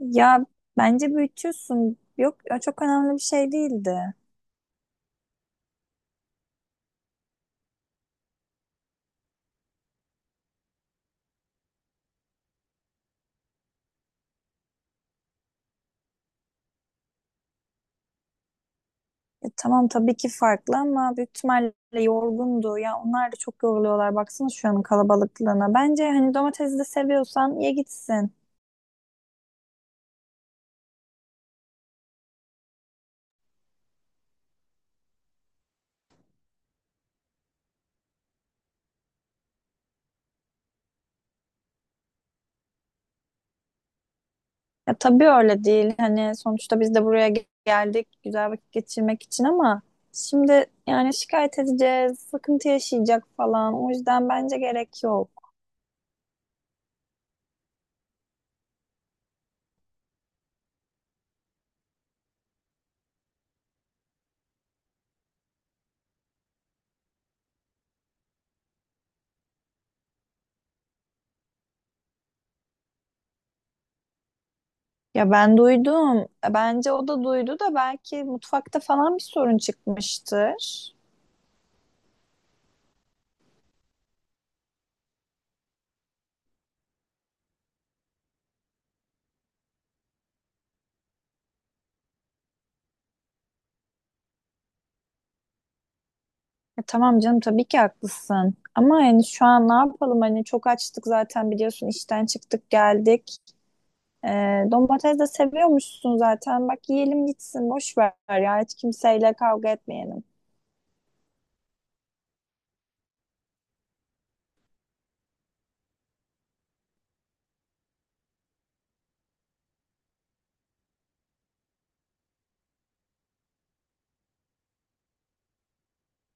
Ya bence büyütüyorsun. Yok ya çok önemli bir şey değildi. Ya tamam tabii ki farklı ama büyük ihtimalle yorgundu. Ya onlar da çok yoruluyorlar. Baksana şu an kalabalıklığına. Bence hani domatesi de seviyorsan ye gitsin. Ya tabii öyle değil. Hani sonuçta biz de buraya geldik güzel vakit geçirmek için ama şimdi yani şikayet edeceğiz, sıkıntı yaşayacak falan. O yüzden bence gerek yok. Ya ben duydum. Bence o da duydu da belki mutfakta falan bir sorun çıkmıştır. E tamam canım tabii ki haklısın. Ama hani şu an ne yapalım? Hani çok açtık zaten biliyorsun işten çıktık geldik. E, Domates de seviyormuşsun zaten. Bak yiyelim gitsin boş ver ya hiç kimseyle kavga etmeyelim.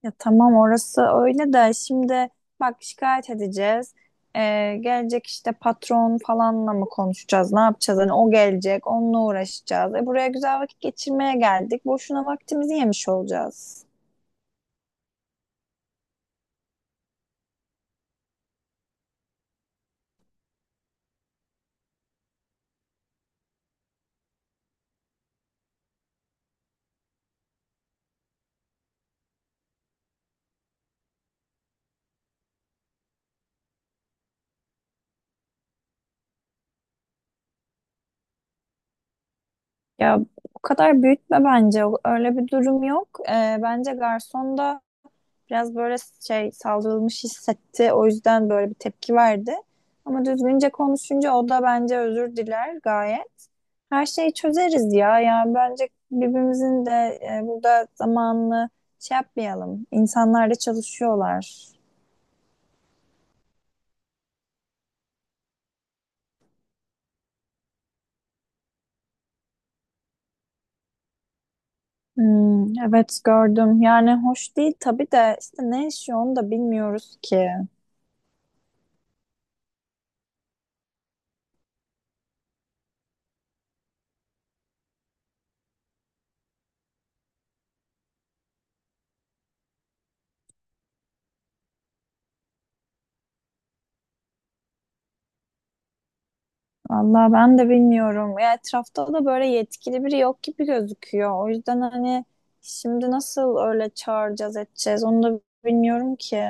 Ya tamam orası öyle de şimdi bak şikayet edeceğiz. Gelecek işte patron falanla mı konuşacağız? Ne yapacağız? Hani o gelecek, onunla uğraşacağız. E buraya güzel vakit geçirmeye geldik. Boşuna vaktimizi yemiş olacağız. Ya o kadar büyütme bence. Öyle bir durum yok. Bence garson da biraz böyle şey saldırılmış hissetti. O yüzden böyle bir tepki verdi. Ama düzgünce konuşunca o da bence özür diler gayet. Her şeyi çözeriz ya. Yani bence birbirimizin de burada zamanını şey yapmayalım. İnsanlar da çalışıyorlar. Hmm, evet gördüm. Yani hoş değil tabii de işte ne işi onu da bilmiyoruz ki. Vallahi ben de bilmiyorum. Ya etrafta da böyle yetkili biri yok gibi gözüküyor. O yüzden hani şimdi nasıl öyle çağıracağız edeceğiz onu da bilmiyorum ki.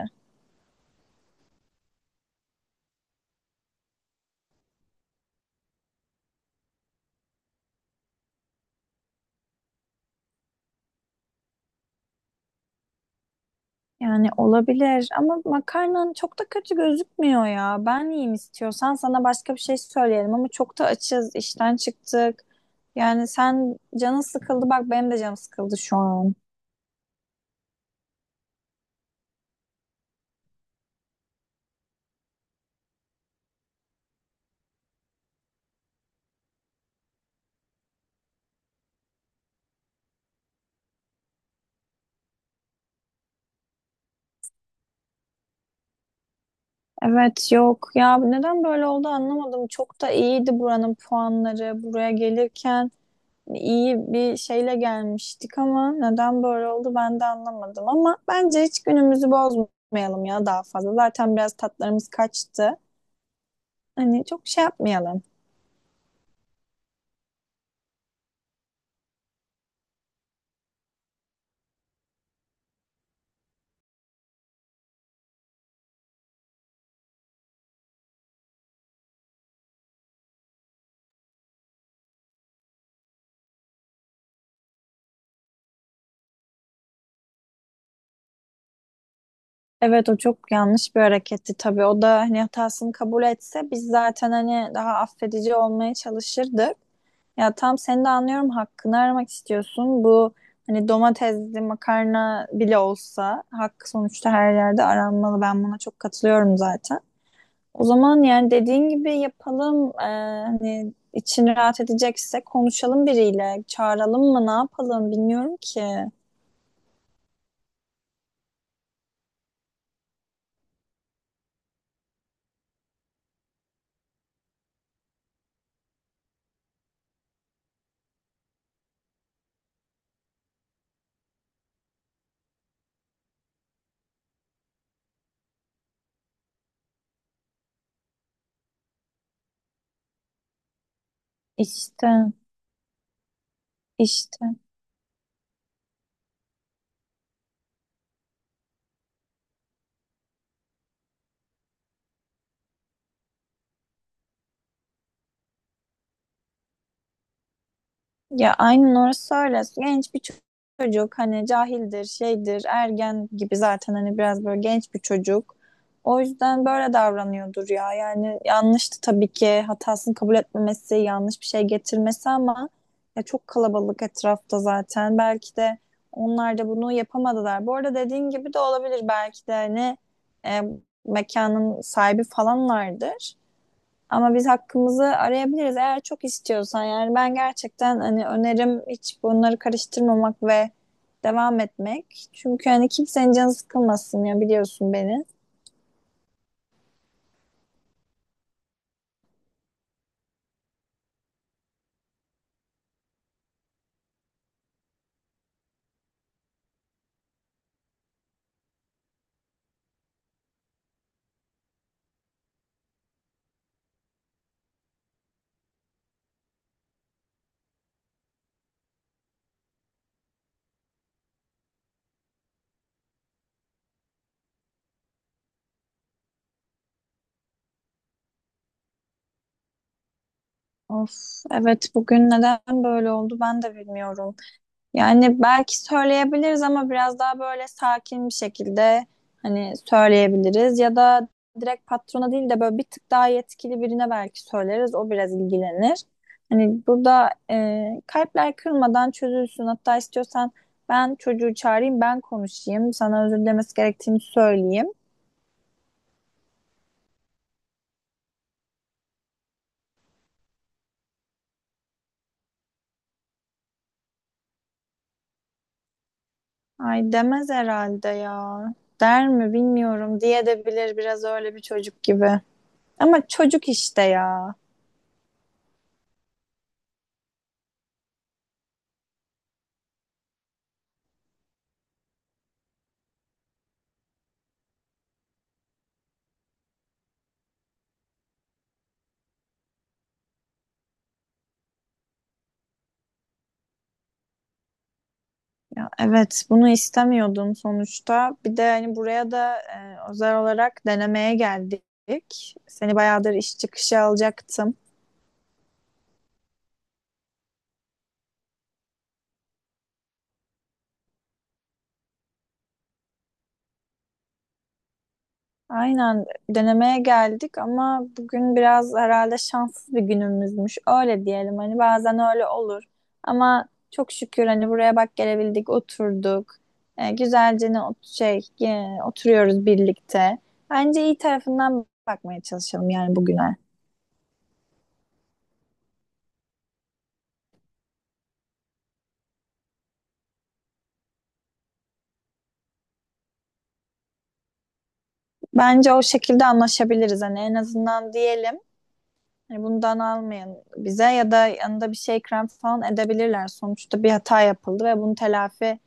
Yani olabilir ama makarnan çok da kötü gözükmüyor ya. Ben yiyeyim istiyorsan sana başka bir şey söyleyelim ama çok da açız, işten çıktık. Yani sen canın sıkıldı bak benim de canım sıkıldı şu an. Evet yok ya neden böyle oldu anlamadım. Çok da iyiydi buranın puanları. Buraya gelirken iyi bir şeyle gelmiştik ama neden böyle oldu ben de anlamadım. Ama bence hiç günümüzü bozmayalım ya daha fazla. Zaten biraz tatlarımız kaçtı. Hani çok şey yapmayalım. Evet o çok yanlış bir hareketti tabii. O da hani hatasını kabul etse biz zaten hani daha affedici olmaya çalışırdık. Ya tam seni de anlıyorum hakkını aramak istiyorsun. Bu hani domatesli makarna bile olsa hakkı sonuçta her yerde aranmalı. Ben buna çok katılıyorum zaten. O zaman yani dediğin gibi yapalım. Hani için rahat edecekse konuşalım biriyle. Çağıralım mı ne yapalım bilmiyorum ki. İşte işte. Ya aynen orası öyle. Genç bir çocuk hani cahildir, şeydir, ergen gibi zaten hani biraz böyle genç bir çocuk. O yüzden böyle davranıyordur ya. Yani yanlıştı tabii ki hatasını kabul etmemesi, yanlış bir şey getirmesi ama ya çok kalabalık etrafta zaten. Belki de onlar da bunu yapamadılar. Bu arada dediğin gibi de olabilir belki de hani e, mekanın sahibi falanlardır. Ama biz hakkımızı arayabiliriz eğer çok istiyorsan. Yani ben gerçekten hani önerim hiç bunları karıştırmamak ve devam etmek. Çünkü hani kimsenin canı sıkılmasın ya biliyorsun beni. Of evet bugün neden böyle oldu ben de bilmiyorum. Yani belki söyleyebiliriz ama biraz daha böyle sakin bir şekilde hani söyleyebiliriz ya da direkt patrona değil de böyle bir tık daha yetkili birine belki söyleriz. O biraz ilgilenir. Hani burada kalpler kırılmadan çözülsün. Hatta istiyorsan ben çocuğu çağırayım, ben konuşayım. Sana özür dilemesi gerektiğini söyleyeyim. Ay demez herhalde ya. Der mi bilmiyorum. Diye de bilir biraz öyle bir çocuk gibi. Ama çocuk işte ya. Ya evet, bunu istemiyordum sonuçta. Bir de hani buraya da özel olarak denemeye geldik. Seni bayağıdır iş çıkışı alacaktım. Aynen denemeye geldik ama bugün biraz herhalde şanssız bir günümüzmüş. Öyle diyelim hani bazen öyle olur. Ama çok şükür hani buraya bak gelebildik, oturduk. E, güzelce ne ot- şey e, Oturuyoruz birlikte. Bence iyi tarafından bakmaya çalışalım yani bugüne. Bence o şekilde anlaşabiliriz. Hani en azından diyelim hani bundan almayın bize ya da yanında bir şey krem falan edebilirler. Sonuçta bir hata yapıldı ve bunu telafi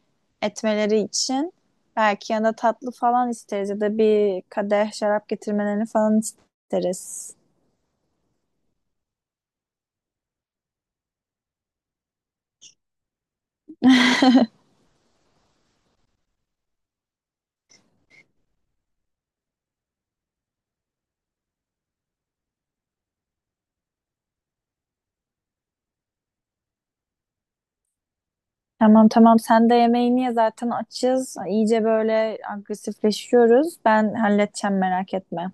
etmeleri için belki yanında tatlı falan isteriz ya da bir kadeh şarap getirmelerini falan isteriz. Tamam tamam sen de yemeğini ye zaten açız. İyice böyle agresifleşiyoruz. Ben halledeceğim merak etme.